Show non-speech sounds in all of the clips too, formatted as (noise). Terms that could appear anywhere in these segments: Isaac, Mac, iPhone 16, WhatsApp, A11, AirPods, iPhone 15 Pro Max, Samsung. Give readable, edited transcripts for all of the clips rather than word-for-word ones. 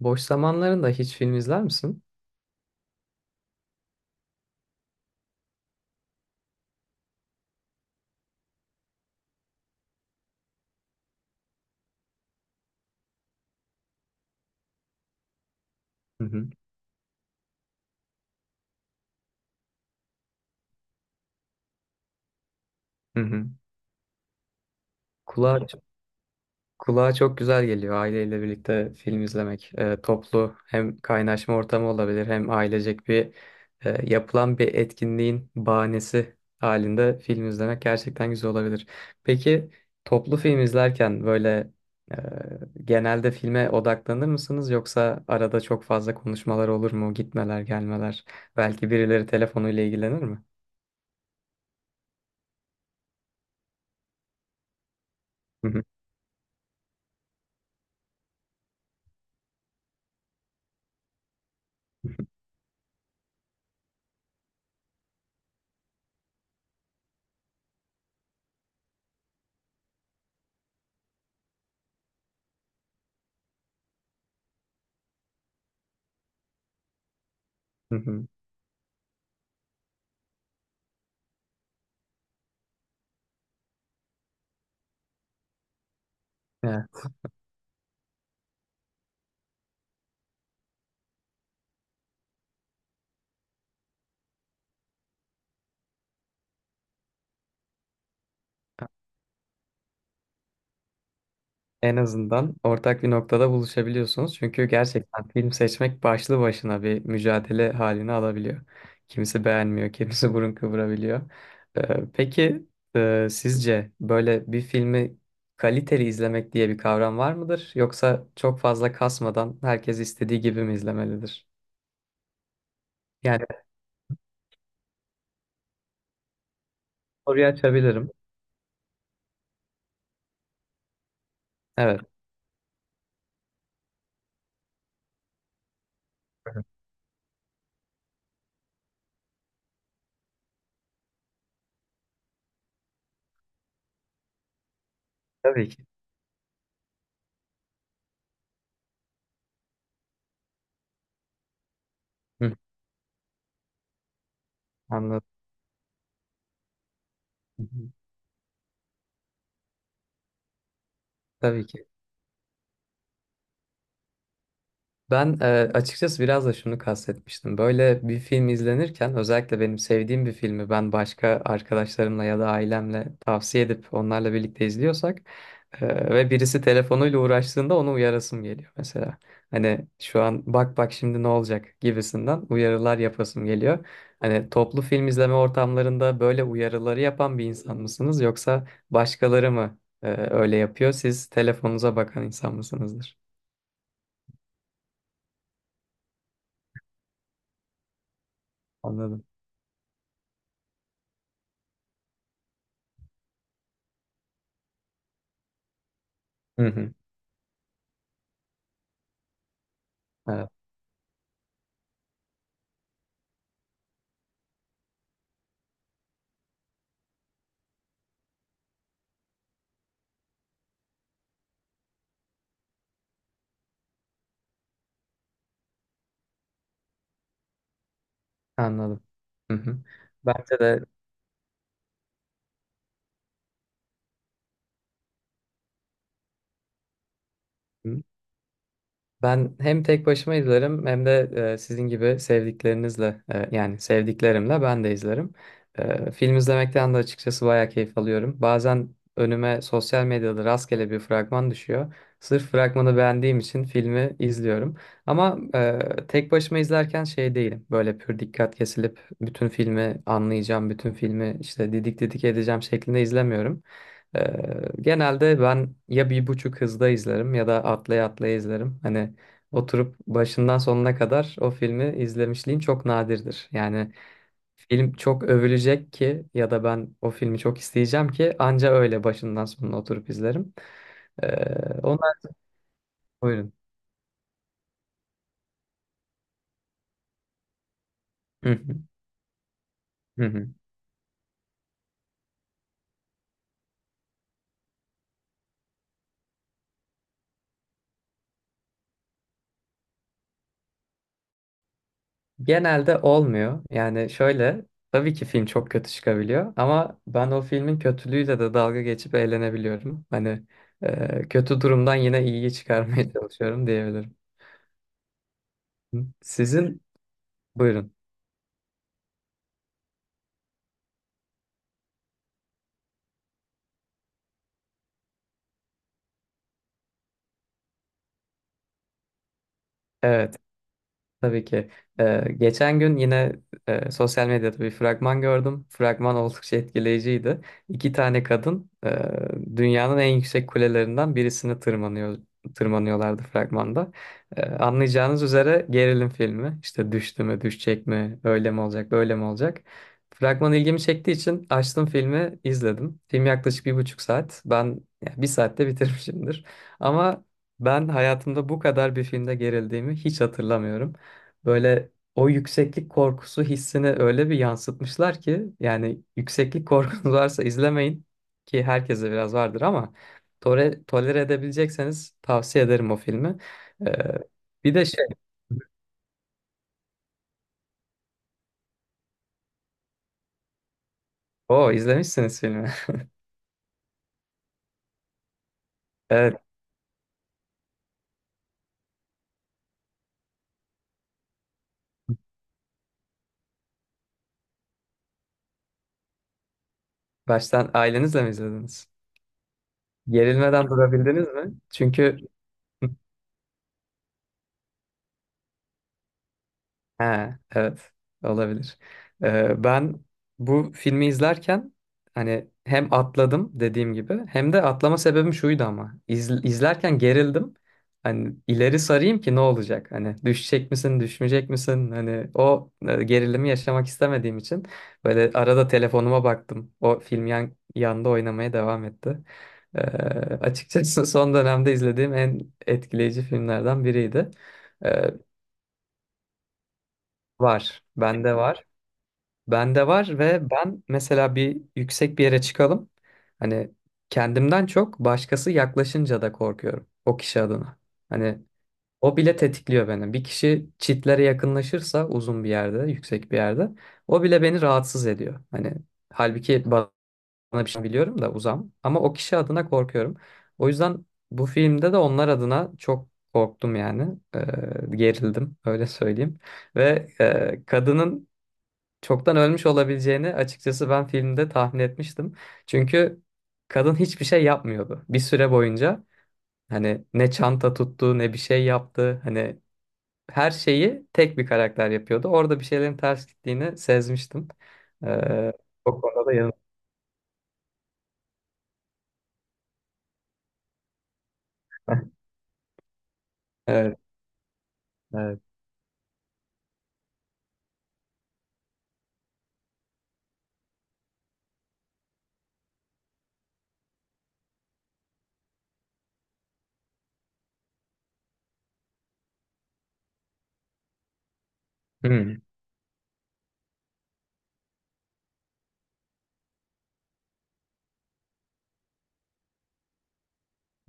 Boş zamanlarında hiç film izler misin? Hı hı. Hı hı. Kulağa, kulağa çok güzel geliyor aileyle birlikte film izlemek. Toplu hem kaynaşma ortamı olabilir hem ailecek bir yapılan bir etkinliğin bahanesi halinde film izlemek gerçekten güzel olabilir. Peki toplu film izlerken böyle e, genelde filme odaklanır mısınız yoksa arada çok fazla konuşmalar olur mu? Gitmeler, gelmeler. Belki birileri telefonuyla ilgilenir mi? Hı hı. Hı hı. En azından ortak bir noktada buluşabiliyorsunuz. Çünkü gerçekten film seçmek başlı başına bir mücadele halini alabiliyor. Kimisi beğenmiyor, kimisi (laughs) burun kıvırabiliyor. Peki sizce böyle bir filmi kaliteli izlemek diye bir kavram var mıdır? Yoksa çok fazla kasmadan herkes istediği gibi mi izlemelidir? Yani soruyu açabilirim. Evet. Tabii ki. Hı, anladım. Hı hı. Tabii ki. Ben açıkçası biraz da şunu kastetmiştim. Böyle bir film izlenirken özellikle benim sevdiğim bir filmi ben başka arkadaşlarımla ya da ailemle tavsiye edip onlarla birlikte izliyorsak ve birisi telefonuyla uğraştığında onu uyarasım geliyor mesela. Hani şu an bak şimdi ne olacak gibisinden uyarılar yapasım geliyor. Hani toplu film izleme ortamlarında böyle uyarıları yapan bir insan mısınız yoksa başkaları mı öyle yapıyor? Siz telefonunuza bakan insan mısınızdır? Anladım. Hı hı. Evet. Anladım. Hı hı. Bence de ben hem tek başıma izlerim hem de sizin gibi sevdiklerinizle yani sevdiklerimle ben de izlerim. Film izlemekten de açıkçası bayağı keyif alıyorum. Bazen önüme sosyal medyada rastgele bir fragman düşüyor. Sırf fragmanı beğendiğim için filmi izliyorum. Ama tek başıma izlerken şey değilim. Böyle pür dikkat kesilip bütün filmi anlayacağım, bütün filmi işte didik didik edeceğim şeklinde izlemiyorum. Ee, Genelde ben ya bir buçuk hızda izlerim ya da atlaya atlaya izlerim. Hani oturup başından sonuna kadar o filmi izlemişliğim çok nadirdir. Yani film çok övülecek ki ya da ben o filmi çok isteyeceğim ki anca öyle başından sonuna oturup izlerim. Onlar buyurun. Hı hı, hı hı. Genelde olmuyor. Yani şöyle, tabii ki film çok kötü çıkabiliyor ama ben o filmin kötülüğüyle de dalga geçip eğlenebiliyorum. Hani kötü durumdan yine iyiyi çıkarmaya (laughs) çalışıyorum diyebilirim. Sizin buyurun. Evet. Tabii ki. Geçen gün yine sosyal medyada bir fragman gördüm. Fragman oldukça etkileyiciydi. İki tane kadın dünyanın en yüksek kulelerinden birisini tırmanıyorlardı fragmanda. Anlayacağınız üzere gerilim filmi. İşte düştü mü, düşecek mi, öyle mi olacak, böyle mi olacak? Fragman ilgimi çektiği için açtım filmi, izledim. Film yaklaşık bir buçuk saat. Ben ya, bir saatte bitirmişimdir. Ama ben hayatımda bu kadar bir filmde gerildiğimi hiç hatırlamıyorum. Böyle o yükseklik korkusu hissini öyle bir yansıtmışlar ki yani yükseklik korkunuz (laughs) varsa izlemeyin ki herkese biraz vardır ama tolere edebilecekseniz tavsiye ederim o filmi. Ee, Bir de şey, o izlemişsiniz filmi. (laughs) Evet, baştan ailenizle mi izlediniz? Gerilmeden durabildiniz mi? Çünkü (laughs) ha, evet olabilir. Ben bu filmi izlerken hani hem atladım dediğim gibi hem de atlama sebebim şuydu ama izlerken gerildim. Hani ileri sarayım ki ne olacak? Hani düşecek misin, düşmeyecek misin? Hani o gerilimi yaşamak istemediğim için böyle arada telefonuma baktım. O film yanda oynamaya devam etti. Ee, Açıkçası (laughs) son dönemde izlediğim en etkileyici filmlerden biriydi. Ee, Var, bende var. Bende var ve ben mesela bir yüksek bir yere çıkalım. Hani kendimden çok başkası yaklaşınca da korkuyorum o kişi adına. Hani o bile tetikliyor beni. Bir kişi çitlere yakınlaşırsa uzun bir yerde, yüksek bir yerde o bile beni rahatsız ediyor. Hani halbuki bana bir şey biliyorum da uzam ama o kişi adına korkuyorum. O yüzden bu filmde de onlar adına çok korktum yani. Gerildim öyle söyleyeyim. Ve kadının çoktan ölmüş olabileceğini açıkçası ben filmde tahmin etmiştim. Çünkü kadın hiçbir şey yapmıyordu bir süre boyunca. Hani ne çanta tuttu ne bir şey yaptı. Hani her şeyi tek bir karakter yapıyordu. Orada bir şeylerin ters gittiğini sezmiştim. Ee, O konuda da yanılmadım. (laughs) Evet, evet. Hmm,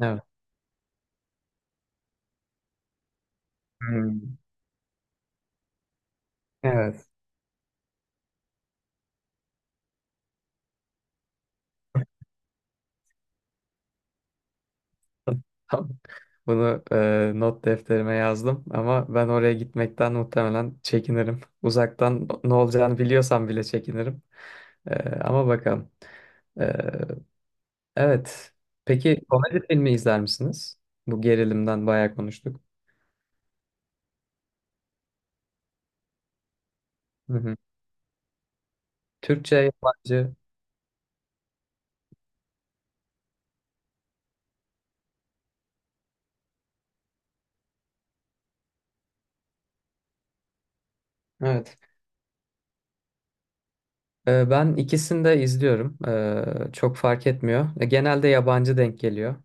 evet. Hmm, evet. (laughs) Tamam. Bunu not defterime yazdım ama ben oraya gitmekten muhtemelen çekinirim. Uzaktan ne olacağını biliyorsam bile çekinirim. Ee, Ama bakalım. Ee, evet. Peki komedi filmi izler misiniz? Bu gerilimden bayağı konuştuk. Hı hı. Türkçe, yabancı. Evet. Ben ikisini de izliyorum. Çok fark etmiyor. Genelde yabancı denk geliyor.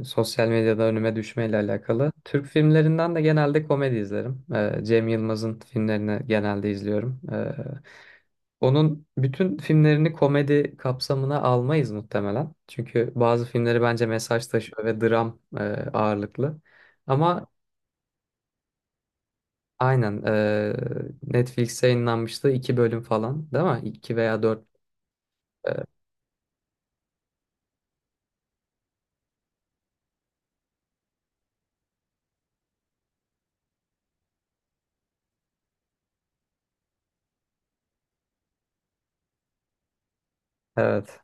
Sosyal medyada önüme düşmeyle alakalı. Türk filmlerinden de genelde komedi izlerim. Cem Yılmaz'ın filmlerini genelde izliyorum. Onun bütün filmlerini komedi kapsamına almayız muhtemelen. Çünkü bazı filmleri bence mesaj taşıyor ve dram ağırlıklı. Ama aynen Netflix'e yayınlanmıştı iki bölüm falan değil mi? İki veya dört. e, evet.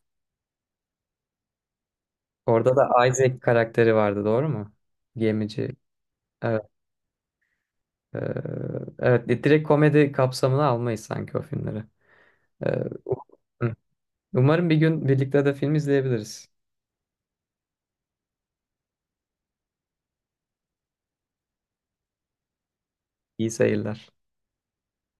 Orada da Isaac karakteri vardı doğru mu? Gemici. Evet. e, evet direkt komedi kapsamına almayız sanki o filmleri. E, u- Hı. Umarım bir gün birlikte de film izleyebiliriz. İyi seyirler.